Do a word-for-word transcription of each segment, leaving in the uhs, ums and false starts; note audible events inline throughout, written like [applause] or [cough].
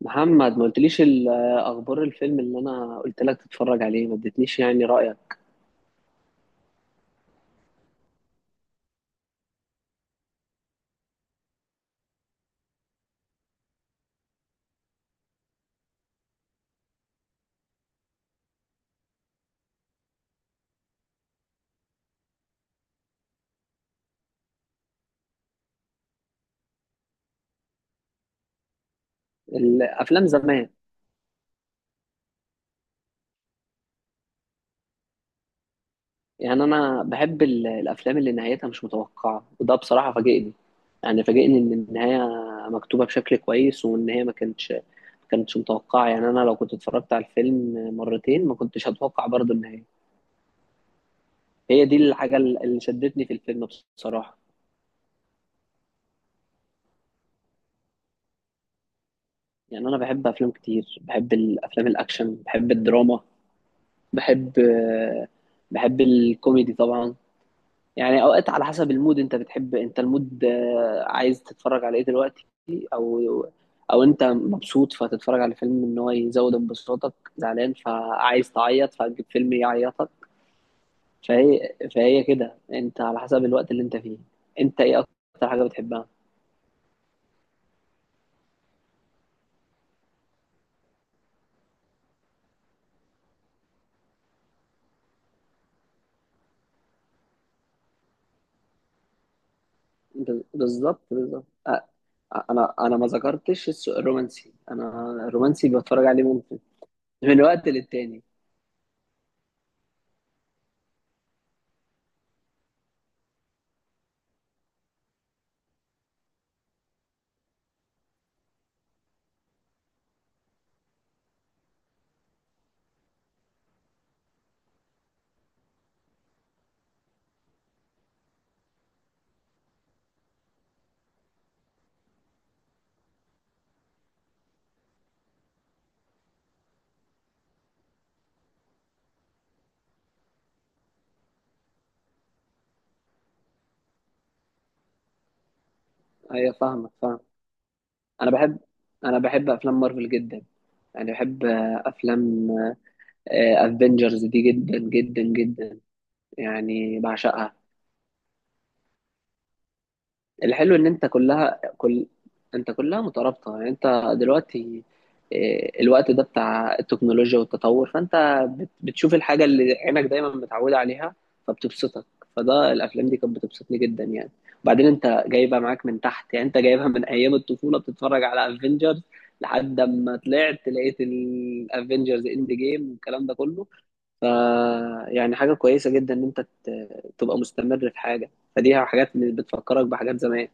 محمد، ما قلتليش ال- اخبار الفيلم اللي انا قلت لك تتفرج عليه. ما اديتنيش يعني رايك. الافلام زمان، يعني انا بحب ال- الافلام اللي نهايتها مش متوقعه، وده بصراحه فاجئني. يعني فاجئني ان النهايه مكتوبه بشكل كويس، وان هي ما كانتش ما كانتش متوقعه. يعني انا لو كنت اتفرجت على الفيلم مرتين ما كنتش هتوقع برضه النهايه. هي دي الحاجه ال- اللي شدتني في الفيلم بصراحه. يعني انا بحب افلام كتير، بحب الافلام الاكشن، بحب الدراما، بحب آه، بحب الكوميدي طبعا. يعني اوقات على حسب المود، انت بتحب انت المود آه، عايز تتفرج على ايه دلوقتي، او او انت مبسوط فتتفرج على فيلم ان هو يزود انبساطك، زعلان فعايز تعيط فتجيب فيلم يعيطك. فهي فهي كده انت على حسب الوقت اللي انت فيه. انت ايه اكتر حاجة بتحبها؟ ب- بالظبط بالظبط. أ- انا انا ما ذكرتش الس- الرومانسي. انا الرومانسي بتفرج عليه ممكن من وقت للتاني. هي فاهمك، فاهم. انا بحب انا بحب افلام مارفل جدا. يعني بحب افلام افنجرز دي جدا جدا جدا، يعني بعشقها. الحلو ان انت كلها كل انت كلها مترابطه. يعني انت دلوقتي إيه، الوقت ده بتاع التكنولوجيا والتطور، فانت بت- بتشوف الحاجه اللي عينك دايما متعوده عليها، فبتبسطك. فده الافلام دي كانت بتبسطني جدا يعني. وبعدين انت جايبها معاك من تحت، يعني انت جايبها من ايام الطفوله بتتفرج على افنجرز، لحد ما طلعت لقيت الافنجرز اند جيم والكلام ده كله. ف يعني حاجه كويسه جدا ان انت ت- تبقى مستمر في حاجه، فدي حاجات بتفكرك بحاجات زمان.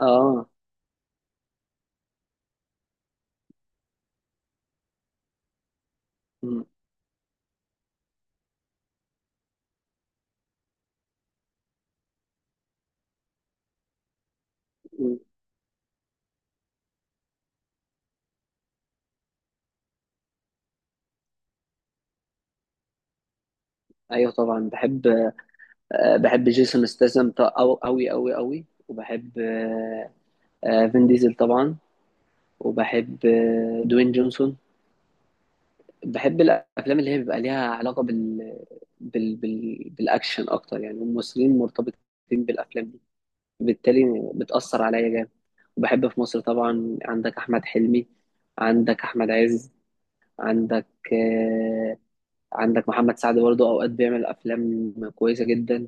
اه. م- م. ايوه طبعا بحب. آه، بحب جيسون ستاثام أو أوي أوي أوي، وبحب آه، آه، فين ديزل طبعا، وبحب آه، دوين جونسون. بحب الأفلام اللي هي بيبقى ليها علاقة بال... بال... بال... بالأكشن أكتر. يعني الممثلين مرتبطين بالأفلام دي، بالتالي بتأثر عليا جامد. وبحب في مصر طبعا عندك أحمد حلمي، عندك أحمد عز، عندك آه، عندك محمد سعد برضه، أوقات بيعمل أفلام كويسة جدا.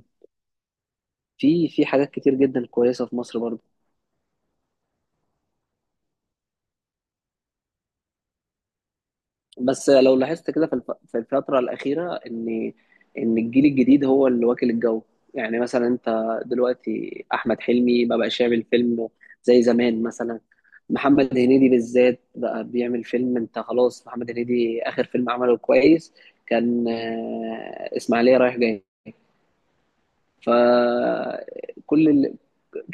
في في حاجات كتير جدا كويسه في مصر برضه. بس لو لاحظت كده في الف- في الفتره الاخيره ان ان الجيل الجديد هو اللي واكل الجو. يعني مثلا انت دلوقتي احمد حلمي ما بقاش يعمل فيلم زي زمان مثلا. محمد هنيدي بالذات بقى بيعمل فيلم، انت خلاص. محمد هنيدي اخر فيلم عمله كويس كان آه، اسماعيليه رايح جاي. فكل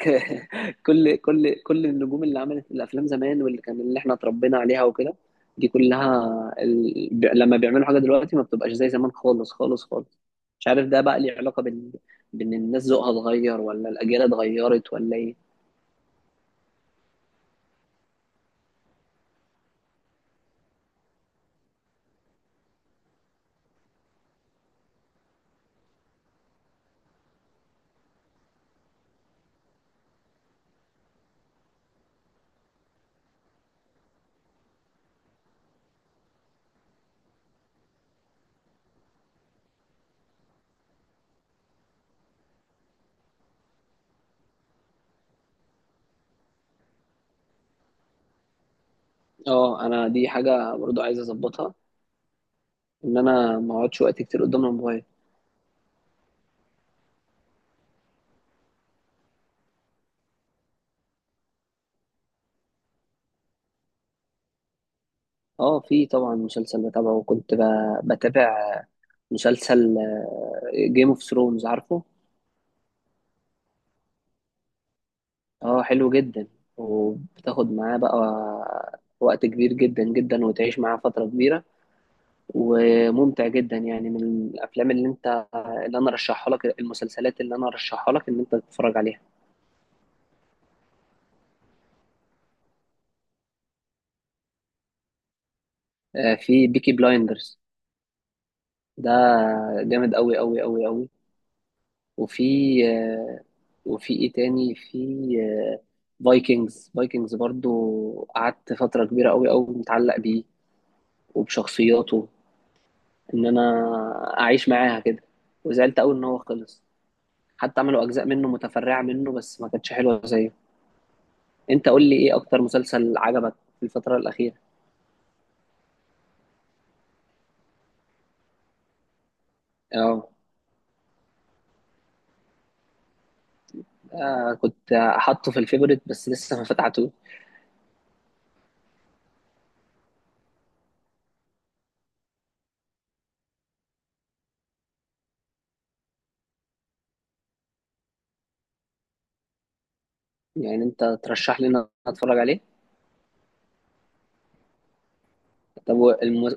ك- [laughs] كل كل كل النجوم اللي عملت الافلام زمان واللي كان اللي احنا اتربينا عليها وكده، دي كلها ال... ب... لما بيعملوا حاجه دلوقتي ما بتبقاش زي زمان، خالص خالص خالص. مش عارف ده بقى ليه علاقه بال بان الناس ذوقها اتغير، ولا الاجيال اتغيرت، ولا ايه. اه، انا دي حاجه برضو عايز اظبطها، ان انا ما اقعدش وقت كتير قدام الموبايل. اه في طبعا مسلسل بتابعه، وكنت ب... بتابع مسلسل جيم اوف ثرونز، عارفه. اه حلو جدا، وبتاخد معاه بقى وقت كبير جدا جدا، وتعيش معاه فترة كبيرة، وممتع جدا. يعني من الأفلام اللي أنت اللي أنا رشحها لك، المسلسلات اللي أنا رشحها لك إن أنت تتفرج عليها. آه، في بيكي بلايندرز، ده جامد أوي أوي أوي أوي. وفي آه، وفي إيه تاني؟ في آه، فايكنجز. فايكنجز برضو قعدت فترة كبيرة أوي أوي متعلق بيه وبشخصياته، ان انا اعيش معاها كده. وزعلت قوي ان هو خلص. حتى عملوا اجزاء منه متفرعه منه، بس ما كانتش حلوه زيه. انت قول لي ايه اكتر مسلسل عجبك في الفتره الاخيره. اه، آه، كنت احطه في الفيفوريت بس لسه ما فتحته. يعني انت ترشح لي ان أنا اتفرج عليه؟ طب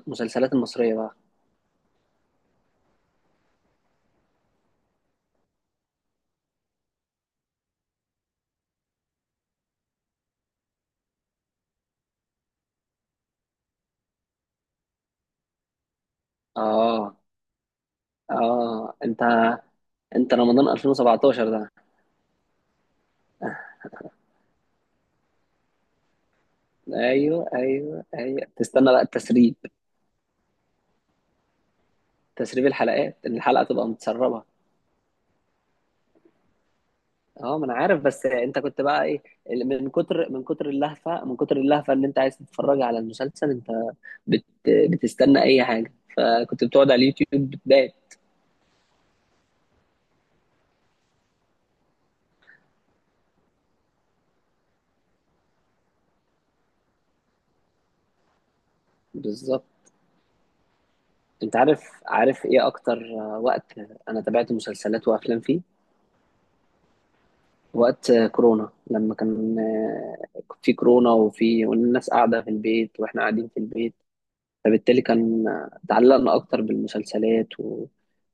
المسلسلات المصريه بقى. اه. اه. انت انت رمضان ألفين وسبعتاشر ده. ايوه ايوه ايوه، تستنى بقى التسريب. تسريب الحلقات، إن الحلقه تبقى متسربه. اه ما انا عارف. بس انت كنت بقى ايه، ال- من كتر من كتر اللهفه من كتر اللهفه ان انت عايز تتفرج على المسلسل. انت بت بتستنى اي حاجه، فكنت بتقعد على اليوتيوب بتضايق. بالظبط. انت عارف، عارف ايه اكتر آه، وقت انا تابعت مسلسلات وافلام فيه؟ وقت آه، كورونا، لما كان آه، في كورونا، وفي والناس قاعده في البيت واحنا قاعدين في البيت، فبالتالي كان آه، تعلقنا اكتر بالمسلسلات و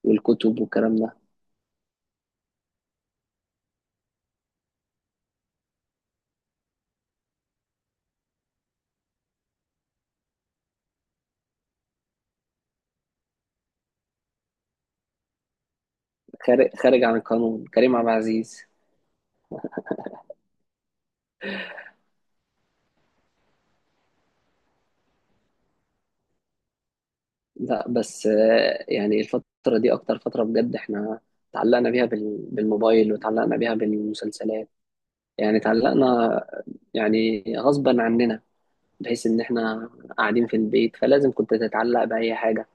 والكتب والكلام ده. خارج خارج عن القانون، كريم عبد العزيز. لا بس آه، يعني الفترة دي أكتر فترة بجد إحنا تعلقنا بيها بال- بالموبايل، وتعلقنا بيها بالمسلسلات. يعني تعلقنا، يعني غصبا عننا، بحيث إن إحنا قاعدين في البيت، فلازم كنت تتعلق بأي حاجة.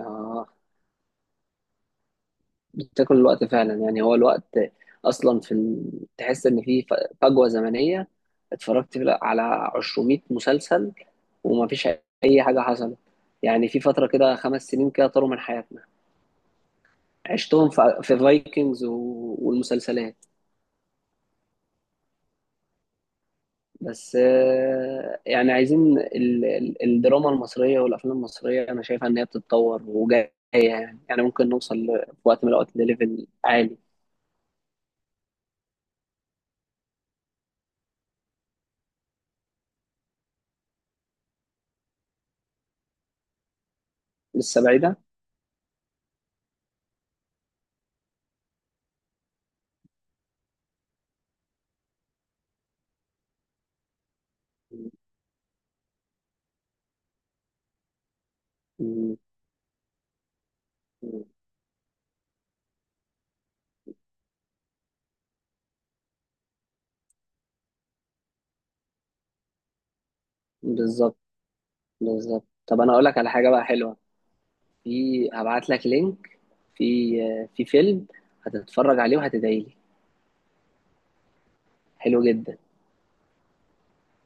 آه، بتاكل الوقت فعلا. يعني هو الوقت أصلا في ال... تحس إن في ف- فجوة زمنية. اتفرجت على ميتين مسلسل ومفيش أي حاجة حصلت. يعني في فترة كده خمس سنين كده طاروا من حياتنا، عشتهم في في فايكنجز و- والمسلسلات. بس آه، يعني عايزين ال- ال- الدراما المصرية والأفلام المصرية. أنا شايفها إن هي بتتطور وجاية، يعني يعني ممكن نوصل ل- في وقت من الأوقات لليفل عالي. لسه بعيدة. م- م- بالظبط بالظبط. طب أنا أقول لك على حاجة بقى حلوة. في هبعت لك لينك. في آه، في فيلم هتتفرج عليه وهتدعي لي. حلو جدا.